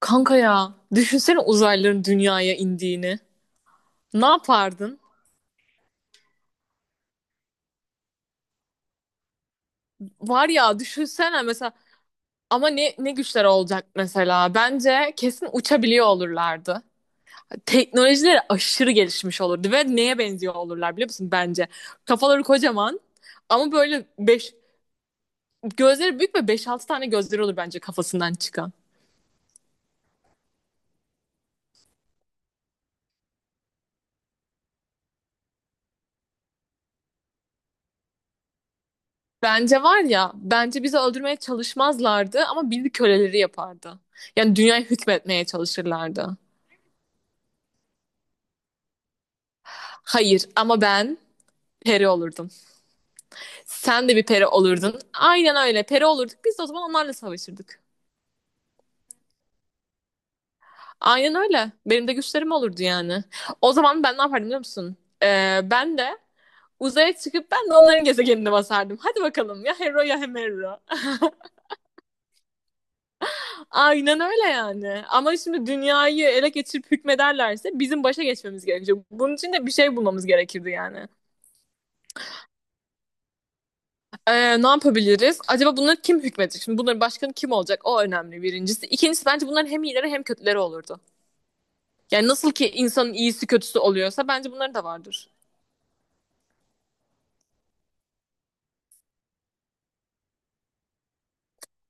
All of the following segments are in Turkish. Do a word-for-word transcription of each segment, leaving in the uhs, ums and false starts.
Kanka ya düşünsene uzaylıların dünyaya indiğini. Ne yapardın? Var ya düşünsene mesela ama ne ne güçler olacak mesela? Bence kesin uçabiliyor olurlardı. Teknolojileri aşırı gelişmiş olurdu ve neye benziyor olurlar biliyor musun bence? Kafaları kocaman ama böyle beş gözleri büyük ve beş altı tane gözleri olur bence kafasından çıkan. Bence var ya bence bizi öldürmeye çalışmazlardı ama bizi köleleri yapardı. Yani dünyayı hükmetmeye çalışırlardı. Hayır ama ben peri olurdum. Sen de bir peri olurdun. Aynen öyle. Peri olurduk. Biz de o zaman onlarla savaşırdık. Aynen öyle. Benim de güçlerim olurdu yani. O zaman ben ne yapardım biliyor musun? Ee, ben de uzaya çıkıp ben de onların gezegenine basardım. Hadi bakalım ya Hero ya Hemero. Aynen öyle yani. Ama şimdi dünyayı ele geçirip hükmederlerse bizim başa geçmemiz gerekecek. Bunun için de bir şey bulmamız gerekirdi yani. Ee, ne yapabiliriz? Acaba bunları kim hükmedecek? Şimdi bunların başkanı kim olacak? O önemli birincisi. İkincisi bence bunların hem iyileri hem kötüleri olurdu. Yani nasıl ki insanın iyisi kötüsü oluyorsa bence bunların da vardır.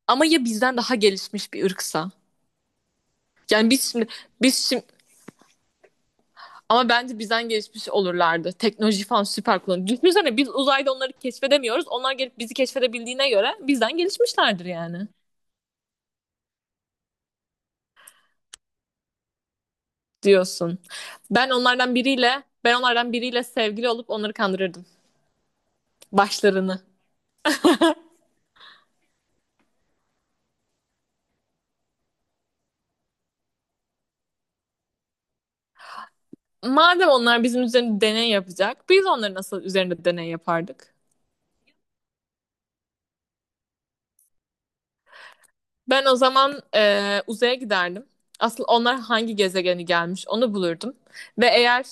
Ama ya bizden daha gelişmiş bir ırksa? Yani biz şimdi biz şimdi ama bence bizden gelişmiş olurlardı. Teknoloji falan süper kullanıyor. Düşünsene biz uzayda onları keşfedemiyoruz. Onlar gelip bizi keşfedebildiğine göre bizden gelişmişlerdir yani diyorsun. Ben onlardan biriyle ben onlardan biriyle sevgili olup onları kandırırdım. Başlarını. Madem onlar bizim üzerinde deney yapacak, biz onların nasıl üzerinde deney yapardık? Ben o zaman eee, uzaya giderdim. Asıl onlar hangi gezegeni gelmiş onu bulurdum. Ve eğer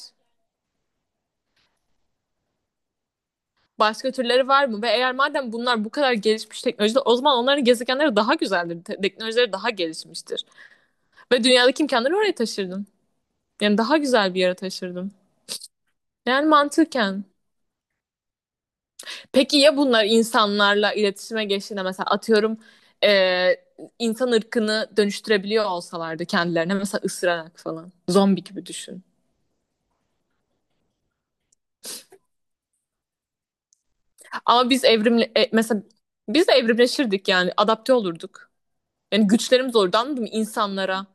başka türleri var mı? Ve eğer madem bunlar bu kadar gelişmiş teknolojide o zaman onların gezegenleri daha güzeldir. Te- teknolojileri daha gelişmiştir. Ve dünyadaki imkanları oraya taşırdım. Yani daha güzel bir yere taşırdım. Yani mantıken. Peki ya bunlar insanlarla iletişime geçtiğinde mesela atıyorum eee, insan ırkını dönüştürebiliyor olsalardı kendilerine mesela ısırarak falan. Zombi gibi düşün. Ama biz evrimle e, mesela biz de evrimleşirdik yani adapte olurduk. Yani güçlerimiz olurdu anladın mı insanlara?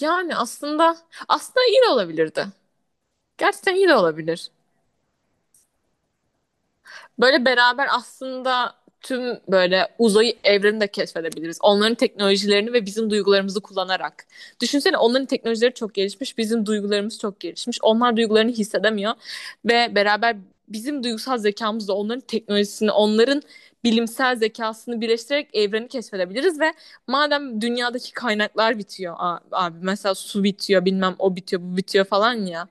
Yani aslında aslında iyi de olabilirdi. Gerçekten iyi de olabilir. Böyle beraber aslında tüm böyle uzayı evreni de keşfedebiliriz. Onların teknolojilerini ve bizim duygularımızı kullanarak. Düşünsene onların teknolojileri çok gelişmiş, bizim duygularımız çok gelişmiş. Onlar duygularını hissedemiyor ve beraber bizim duygusal zekamızla onların teknolojisini, onların bilimsel zekasını birleştirerek evreni keşfedebiliriz ve madem dünyadaki kaynaklar bitiyor abi mesela su bitiyor bilmem o bitiyor bu bitiyor falan ya.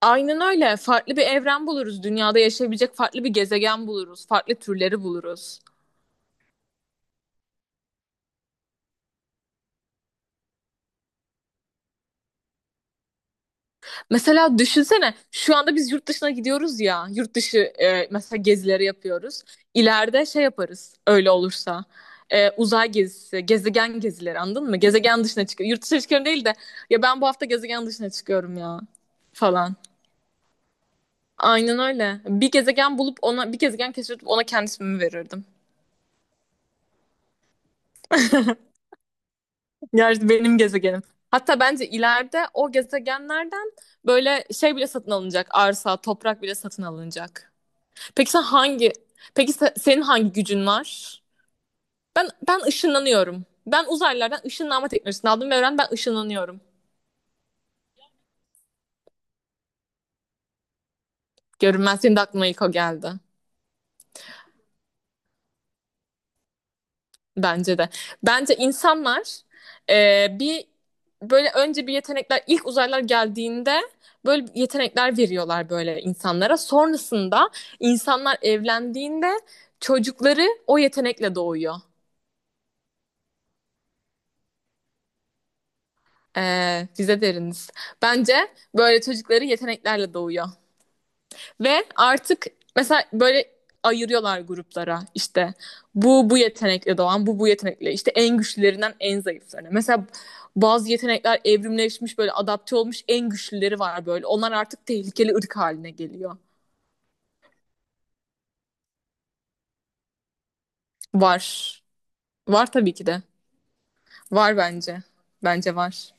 Aynen öyle. Farklı bir evren buluruz. Dünyada yaşayabilecek farklı bir gezegen buluruz. Farklı türleri buluruz. Mesela düşünsene şu anda biz yurt dışına gidiyoruz ya. Yurt dışı e, mesela gezileri yapıyoruz. İleride şey yaparız öyle olursa. E, uzay gezisi, gezegen gezileri anladın mı? Gezegen dışına çıkıyor. Yurt dışına çıkıyorum değil de ya ben bu hafta gezegen dışına çıkıyorum ya falan. Aynen öyle. Bir gezegen bulup ona bir gezegen keşfedip ona kendisimi verirdim. Yer benim gezegenim. Hatta bence ileride o gezegenlerden böyle şey bile satın alınacak. Arsa, toprak bile satın alınacak. Peki sen hangi Peki se- senin hangi gücün var? Ben ben ışınlanıyorum. Ben uzaylılardan ışınlanma teknolojisini aldım ve öğrendim ben ışınlanıyorum. Görünmez senin de aklıma ilk o geldi. Bence de. Bence insanlar e, bir böyle önce bir yetenekler ilk uzaylılar geldiğinde böyle yetenekler veriyorlar böyle insanlara. Sonrasında insanlar evlendiğinde çocukları o yetenekle doğuyor. E, bize deriniz. Bence böyle çocukları yeteneklerle doğuyor. Ve artık mesela böyle ayırıyorlar gruplara işte bu bu yetenekle doğan bu bu yetenekle işte en güçlülerinden en zayıflarına. Mesela bazı yetenekler evrimleşmiş böyle adapte olmuş en güçlüleri var böyle. Onlar artık tehlikeli ırk haline geliyor. Var. Var tabii ki de. Var bence. Bence var.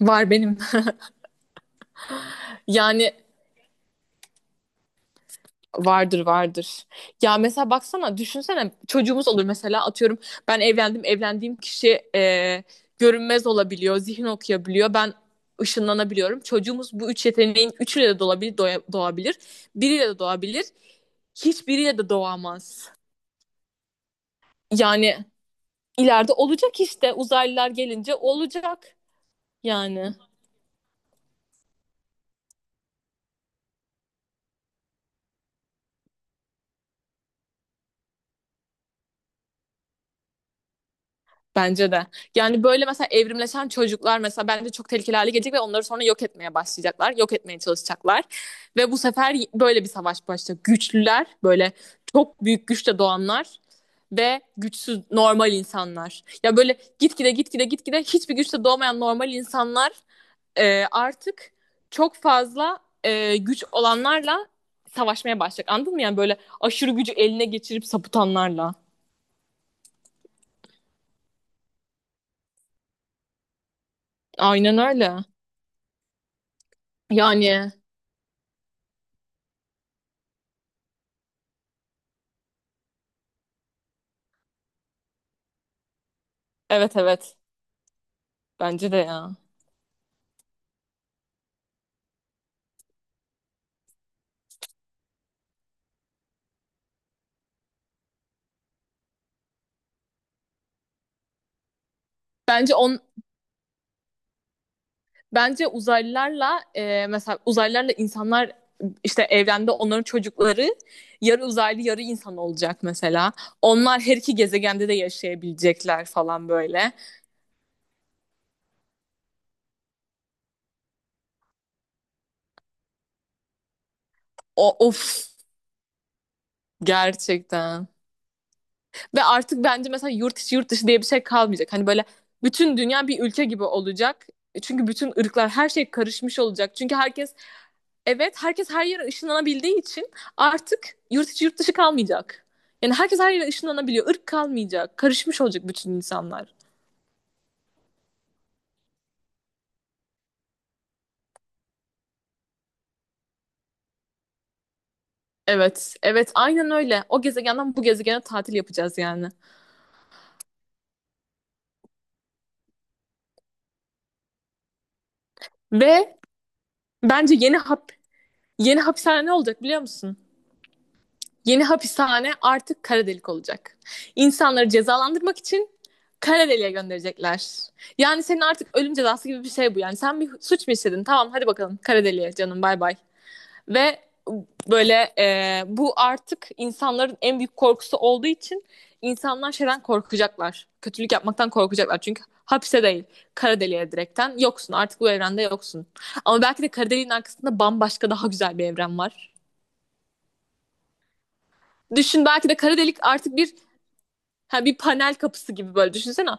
Var benim. Yani vardır vardır. Ya mesela baksana düşünsene çocuğumuz olur mesela atıyorum ben evlendim evlendiğim kişi e, görünmez olabiliyor zihin okuyabiliyor ben ışınlanabiliyorum. Çocuğumuz bu üç yeteneğin üçüyle de doğabilir, doya- doğabilir biriyle de doğabilir hiçbiriyle de doğamaz. Yani ileride olacak işte uzaylılar gelince olacak yani. Bence de. Yani böyle mesela evrimleşen çocuklar mesela bence çok tehlikeli hale gelecek ve onları sonra yok etmeye başlayacaklar. Yok etmeye çalışacaklar. Ve bu sefer böyle bir savaş başlayacak. Güçlüler, böyle çok büyük güçle doğanlar ve güçsüz normal insanlar. Ya böyle gitgide gitgide gitgide hiçbir güçle doğmayan normal insanlar e, artık çok fazla e, güç olanlarla savaşmaya başlayacak. Anladın mı? Yani böyle aşırı gücü eline geçirip sapıtanlarla. Aynen öyle. Yani evet, evet. Bence de ya. Bence on bence uzaylılarla e, mesela uzaylılarla insanlar işte evrende onların çocukları yarı uzaylı yarı insan olacak mesela. Onlar her iki gezegende de yaşayabilecekler falan böyle. O of gerçekten. Ve artık bence mesela yurt içi yurt dışı diye bir şey kalmayacak. Hani böyle bütün dünya bir ülke gibi olacak. Çünkü bütün ırklar her şey karışmış olacak. Çünkü herkes evet herkes her yere ışınlanabildiği için artık yurt içi yurt dışı kalmayacak. Yani herkes her yere ışınlanabiliyor. Irk kalmayacak. Karışmış olacak bütün insanlar. Evet, evet aynen öyle. O gezegenden bu gezegene tatil yapacağız yani. Ve bence yeni hap yeni hapishane ne olacak biliyor musun? Yeni hapishane artık kara delik olacak. İnsanları cezalandırmak için kara deliğe gönderecekler. Yani senin artık ölüm cezası gibi bir şey bu. Yani sen bir suç mu işledin? Tamam hadi bakalım kara deliğe canım bay bay. Ve böyle e, bu artık insanların en büyük korkusu olduğu için insanlar şeyden korkacaklar. Kötülük yapmaktan korkacaklar. Çünkü hapse değil kara deliğe direkten yoksun artık bu evrende yoksun. Ama belki de kara deliğin arkasında bambaşka daha güzel bir evren var. Düşün belki de kara delik artık bir ha bir panel kapısı gibi böyle düşünsene.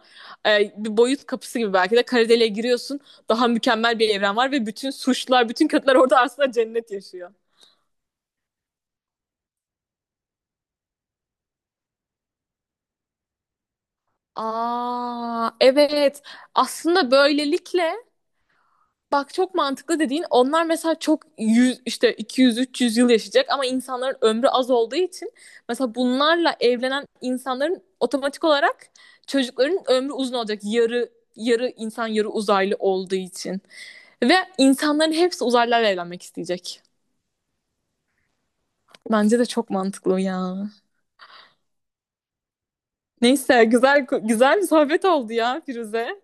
Ee, bir boyut kapısı gibi belki de Karadeli'ye giriyorsun. Daha mükemmel bir evren var ve bütün suçlar, bütün kötüler orada aslında cennet yaşıyor. Aa, evet. Aslında böylelikle bak çok mantıklı dediğin onlar mesela çok yüz işte iki yüz üç yüz yıl yaşayacak ama insanların ömrü az olduğu için mesela bunlarla evlenen insanların otomatik olarak çocukların ömrü uzun olacak. Yarı yarı insan yarı uzaylı olduğu için. Ve insanların hepsi uzaylılarla evlenmek isteyecek. Bence de çok mantıklı ya. Neyse güzel güzel bir sohbet oldu ya Firuze.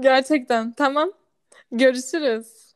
Gerçekten. Tamam. Görüşürüz.